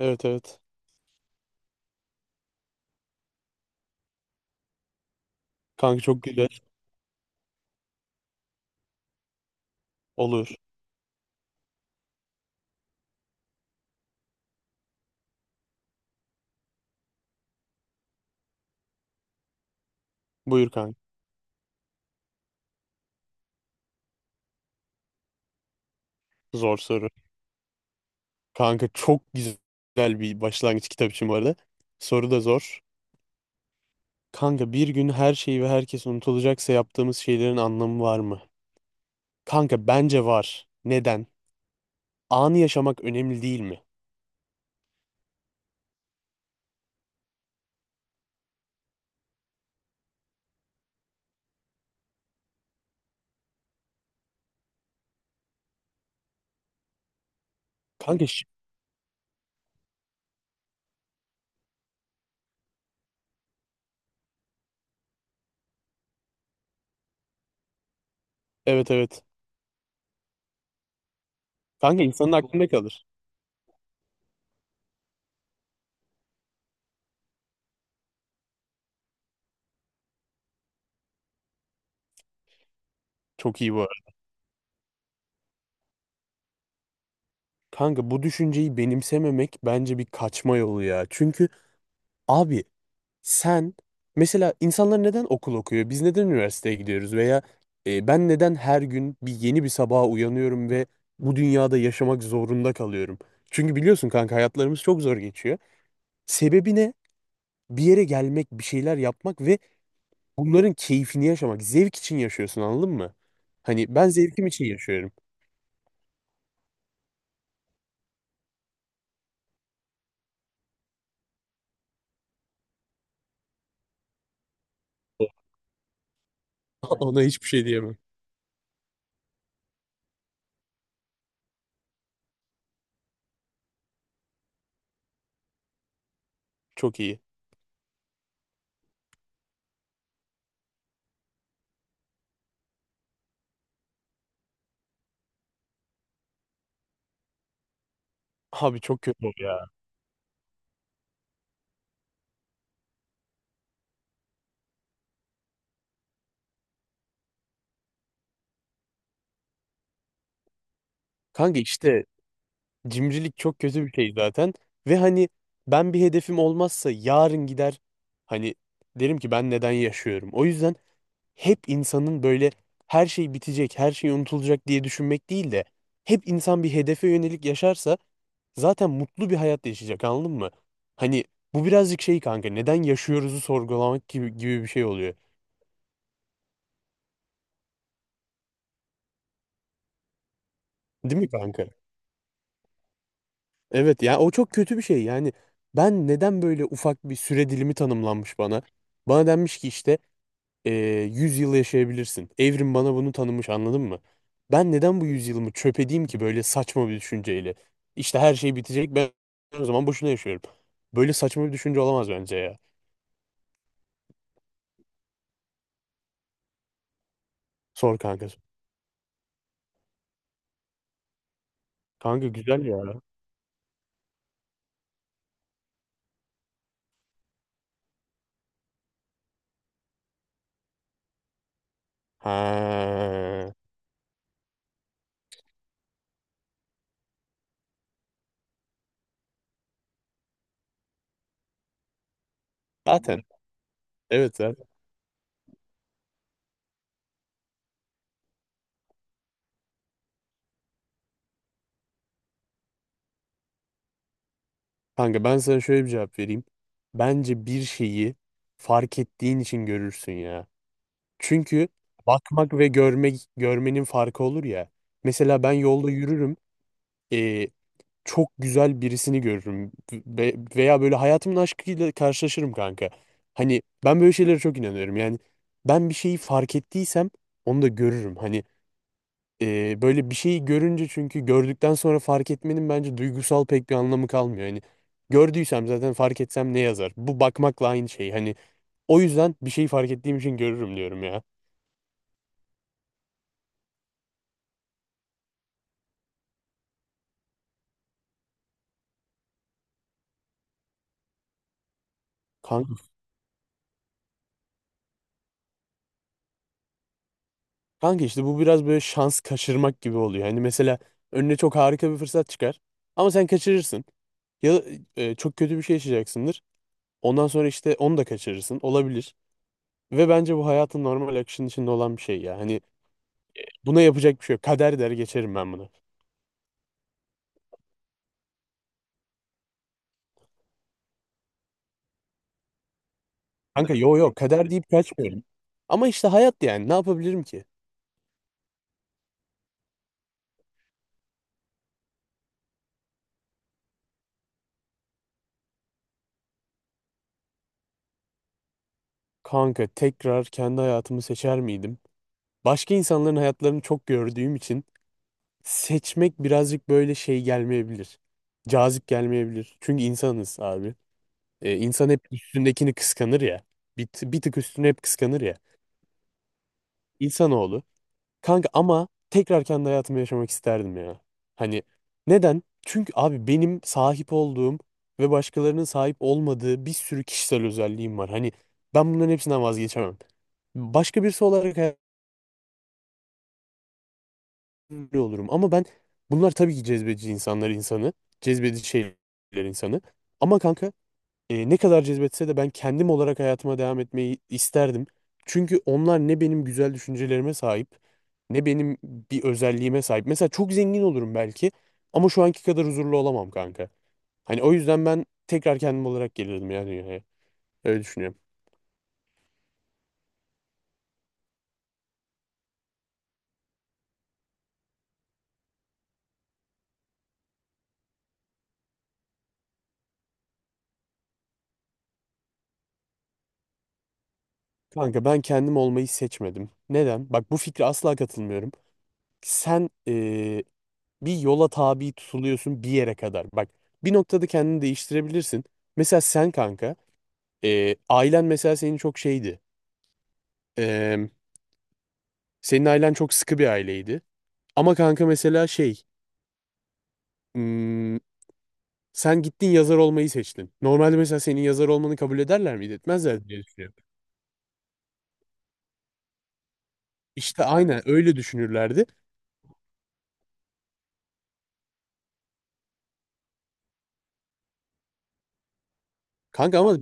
Evet evet. Kanka çok güzel. Olur. Buyur kanka. Zor soru. Kanka çok güzel bir başlangıç kitap için bu arada. Soru da zor. Kanka bir gün her şey ve herkes unutulacaksa yaptığımız şeylerin anlamı var mı? Kanka bence var. Neden? Anı yaşamak önemli değil mi? Kanka evet evet. Kanka insanın aklında kalır. Çok iyi bu arada. Kanka bu düşünceyi benimsememek bence bir kaçma yolu ya. Çünkü abi sen, mesela insanlar neden okul okuyor? Biz neden üniversiteye gidiyoruz? Veya ben neden her gün bir yeni bir sabaha uyanıyorum ve bu dünyada yaşamak zorunda kalıyorum? Çünkü biliyorsun kanka hayatlarımız çok zor geçiyor. Sebebi ne? Bir yere gelmek, bir şeyler yapmak ve bunların keyfini yaşamak. Zevk için yaşıyorsun anladın mı? Hani ben zevkim için yaşıyorum. Ona hiçbir şey diyemem. Çok iyi. Abi çok kötü. Kanka işte cimrilik çok kötü bir şey zaten. Ve hani ben bir hedefim olmazsa yarın gider, hani derim ki ben neden yaşıyorum. O yüzden hep insanın böyle her şey bitecek, her şey unutulacak diye düşünmek değil de hep insan bir hedefe yönelik yaşarsa zaten mutlu bir hayat yaşayacak anladın mı? Hani bu birazcık şey kanka, neden yaşıyoruzu sorgulamak gibi, gibi bir şey oluyor. Değil mi kanka? Evet ya, o çok kötü bir şey yani. Ben neden böyle ufak bir süre dilimi tanımlanmış bana? Bana denmiş ki işte e, 100 yıl yaşayabilirsin. Evrim bana bunu tanımış, anladın mı? Ben neden bu 100 yılımı çöp edeyim ki böyle saçma bir düşünceyle? İşte her şey bitecek, ben o zaman boşuna yaşıyorum. Böyle saçma bir düşünce olamaz bence ya. Sor kanka. Kanka güzel ya. Ha. Zaten. Evet zaten. Kanka ben sana şöyle bir cevap vereyim. Bence bir şeyi fark ettiğin için görürsün ya. Çünkü bakmak ve görmenin farkı olur ya. Mesela ben yolda yürürüm. E, Çok güzel birisini görürüm veya böyle hayatımın aşkıyla karşılaşırım kanka. Hani ben böyle şeylere çok inanıyorum. Yani ben bir şeyi fark ettiysem onu da görürüm. Hani böyle bir şeyi görünce, çünkü gördükten sonra fark etmenin bence duygusal pek bir anlamı kalmıyor. Hani gördüysem zaten fark etsem ne yazar? Bu bakmakla aynı şey. Hani o yüzden bir şeyi fark ettiğim için görürüm diyorum ya. Kanka işte bu biraz böyle şans kaçırmak gibi oluyor. Hani mesela önüne çok harika bir fırsat çıkar ama sen kaçırırsın. Ya da çok kötü bir şey yaşayacaksındır. Ondan sonra işte onu da kaçırırsın. Olabilir. Ve bence bu hayatın normal akışının içinde olan bir şey ya. Hani buna yapacak bir şey yok. Kader der geçerim ben bunu. Kanka yo yo, kader deyip kaçmıyorum. Ama işte hayat, yani ne yapabilirim ki? Kanka tekrar kendi hayatımı seçer miydim? Başka insanların hayatlarını çok gördüğüm için seçmek birazcık böyle şey gelmeyebilir. Cazip gelmeyebilir. Çünkü insanız abi. İnsan hep üstündekini kıskanır ya. Bir tık üstüne hep kıskanır ya. İnsanoğlu. Kanka ama tekrar kendi hayatımı yaşamak isterdim ya. Hani neden? Çünkü abi benim sahip olduğum ve başkalarının sahip olmadığı bir sürü kişisel özelliğim var. Hani ben bunların hepsinden vazgeçemem. Başka birisi olarak öyle olurum. Ama ben, bunlar tabii ki cezbedici insanı. Cezbedici şeyler insanı. Ama kanka ne kadar cezbetse de ben kendim olarak hayatıma devam etmeyi isterdim. Çünkü onlar ne benim güzel düşüncelerime sahip ne benim bir özelliğime sahip. Mesela çok zengin olurum belki ama şu anki kadar huzurlu olamam kanka. Hani o yüzden ben tekrar kendim olarak gelirdim yani dünyaya. Öyle düşünüyorum. Kanka ben kendim olmayı seçmedim. Neden? Bak, bu fikre asla katılmıyorum. Sen bir yola tabi tutuluyorsun bir yere kadar. Bak, bir noktada kendini değiştirebilirsin. Mesela sen kanka, ailen mesela senin çok şeydi. E, Senin ailen çok sıkı bir aileydi. Ama kanka mesela şey, hmm, sen gittin yazar olmayı seçtin. Normalde mesela senin yazar olmanı kabul ederler miydi? Etmezler diye düşünüyorum. İşte aynen öyle düşünürlerdi. Kanka ama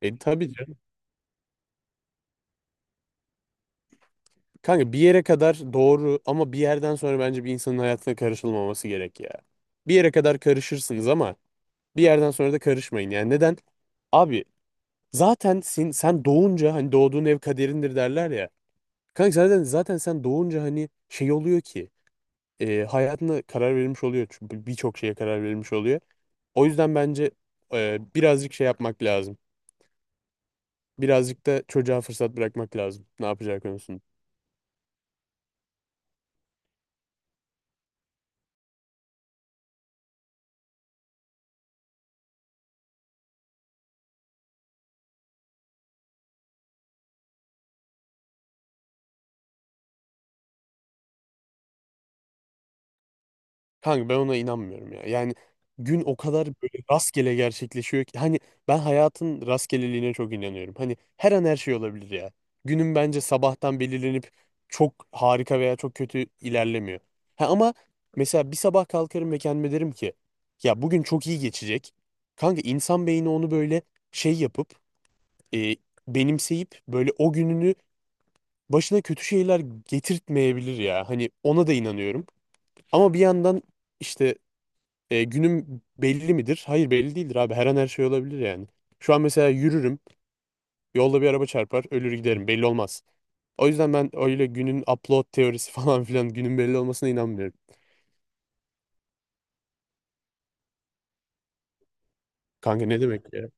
tabii canım. Kanka bir yere kadar doğru ama bir yerden sonra bence bir insanın hayatına karışılmaması gerek ya. Bir yere kadar karışırsınız ama bir yerden sonra da karışmayın. Yani neden? Abi zaten sen doğunca hani doğduğun ev kaderindir derler ya. Kanka zaten sen doğunca, hani şey oluyor ki hayatına karar verilmiş oluyor. Çünkü birçok şeye karar verilmiş oluyor. O yüzden bence birazcık şey yapmak lazım. Birazcık da çocuğa fırsat bırakmak lazım, ne yapacağı konusunda. Kanka ben ona inanmıyorum ya. Yani gün o kadar böyle rastgele gerçekleşiyor ki, hani ben hayatın rastgeleliğine çok inanıyorum. Hani her an her şey olabilir ya. Günün bence sabahtan belirlenip çok harika veya çok kötü ilerlemiyor. Ha ama mesela bir sabah kalkarım ve kendime derim ki ya, bugün çok iyi geçecek. Kanka insan beyni onu böyle şey yapıp, e, benimseyip böyle o gününü başına kötü şeyler getirtmeyebilir ya. Hani ona da inanıyorum. Ama bir yandan işte, günüm belli midir? Hayır, belli değildir abi. Her an her şey olabilir yani. Şu an mesela yürürüm. Yolda bir araba çarpar. Ölür giderim. Belli olmaz. O yüzden ben öyle günün upload teorisi falan filan, günün belli olmasına inanmıyorum. Kanka ne demek ya?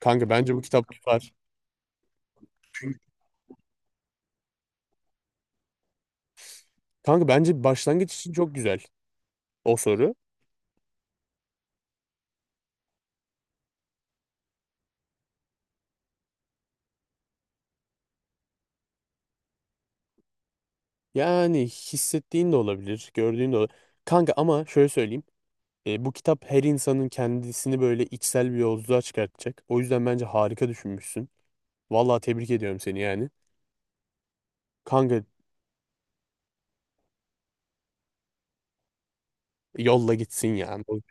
Kanka bence bu kitap tutar. Kanka bence başlangıç için çok güzel o soru. Yani hissettiğin de olabilir. Gördüğün de olabilir. Kanka ama şöyle söyleyeyim. Bu kitap her insanın kendisini böyle içsel bir yolculuğa çıkartacak. O yüzden bence harika düşünmüşsün. Vallahi tebrik ediyorum seni yani. Kanka, yolla gitsin yani. Olur.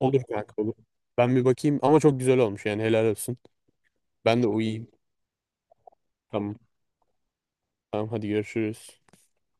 Olur kanka, olur. Ben bir bakayım ama çok güzel olmuş, yani helal olsun. Ben de uyuyayım. Tamam. Tamam hadi, görüşürüz.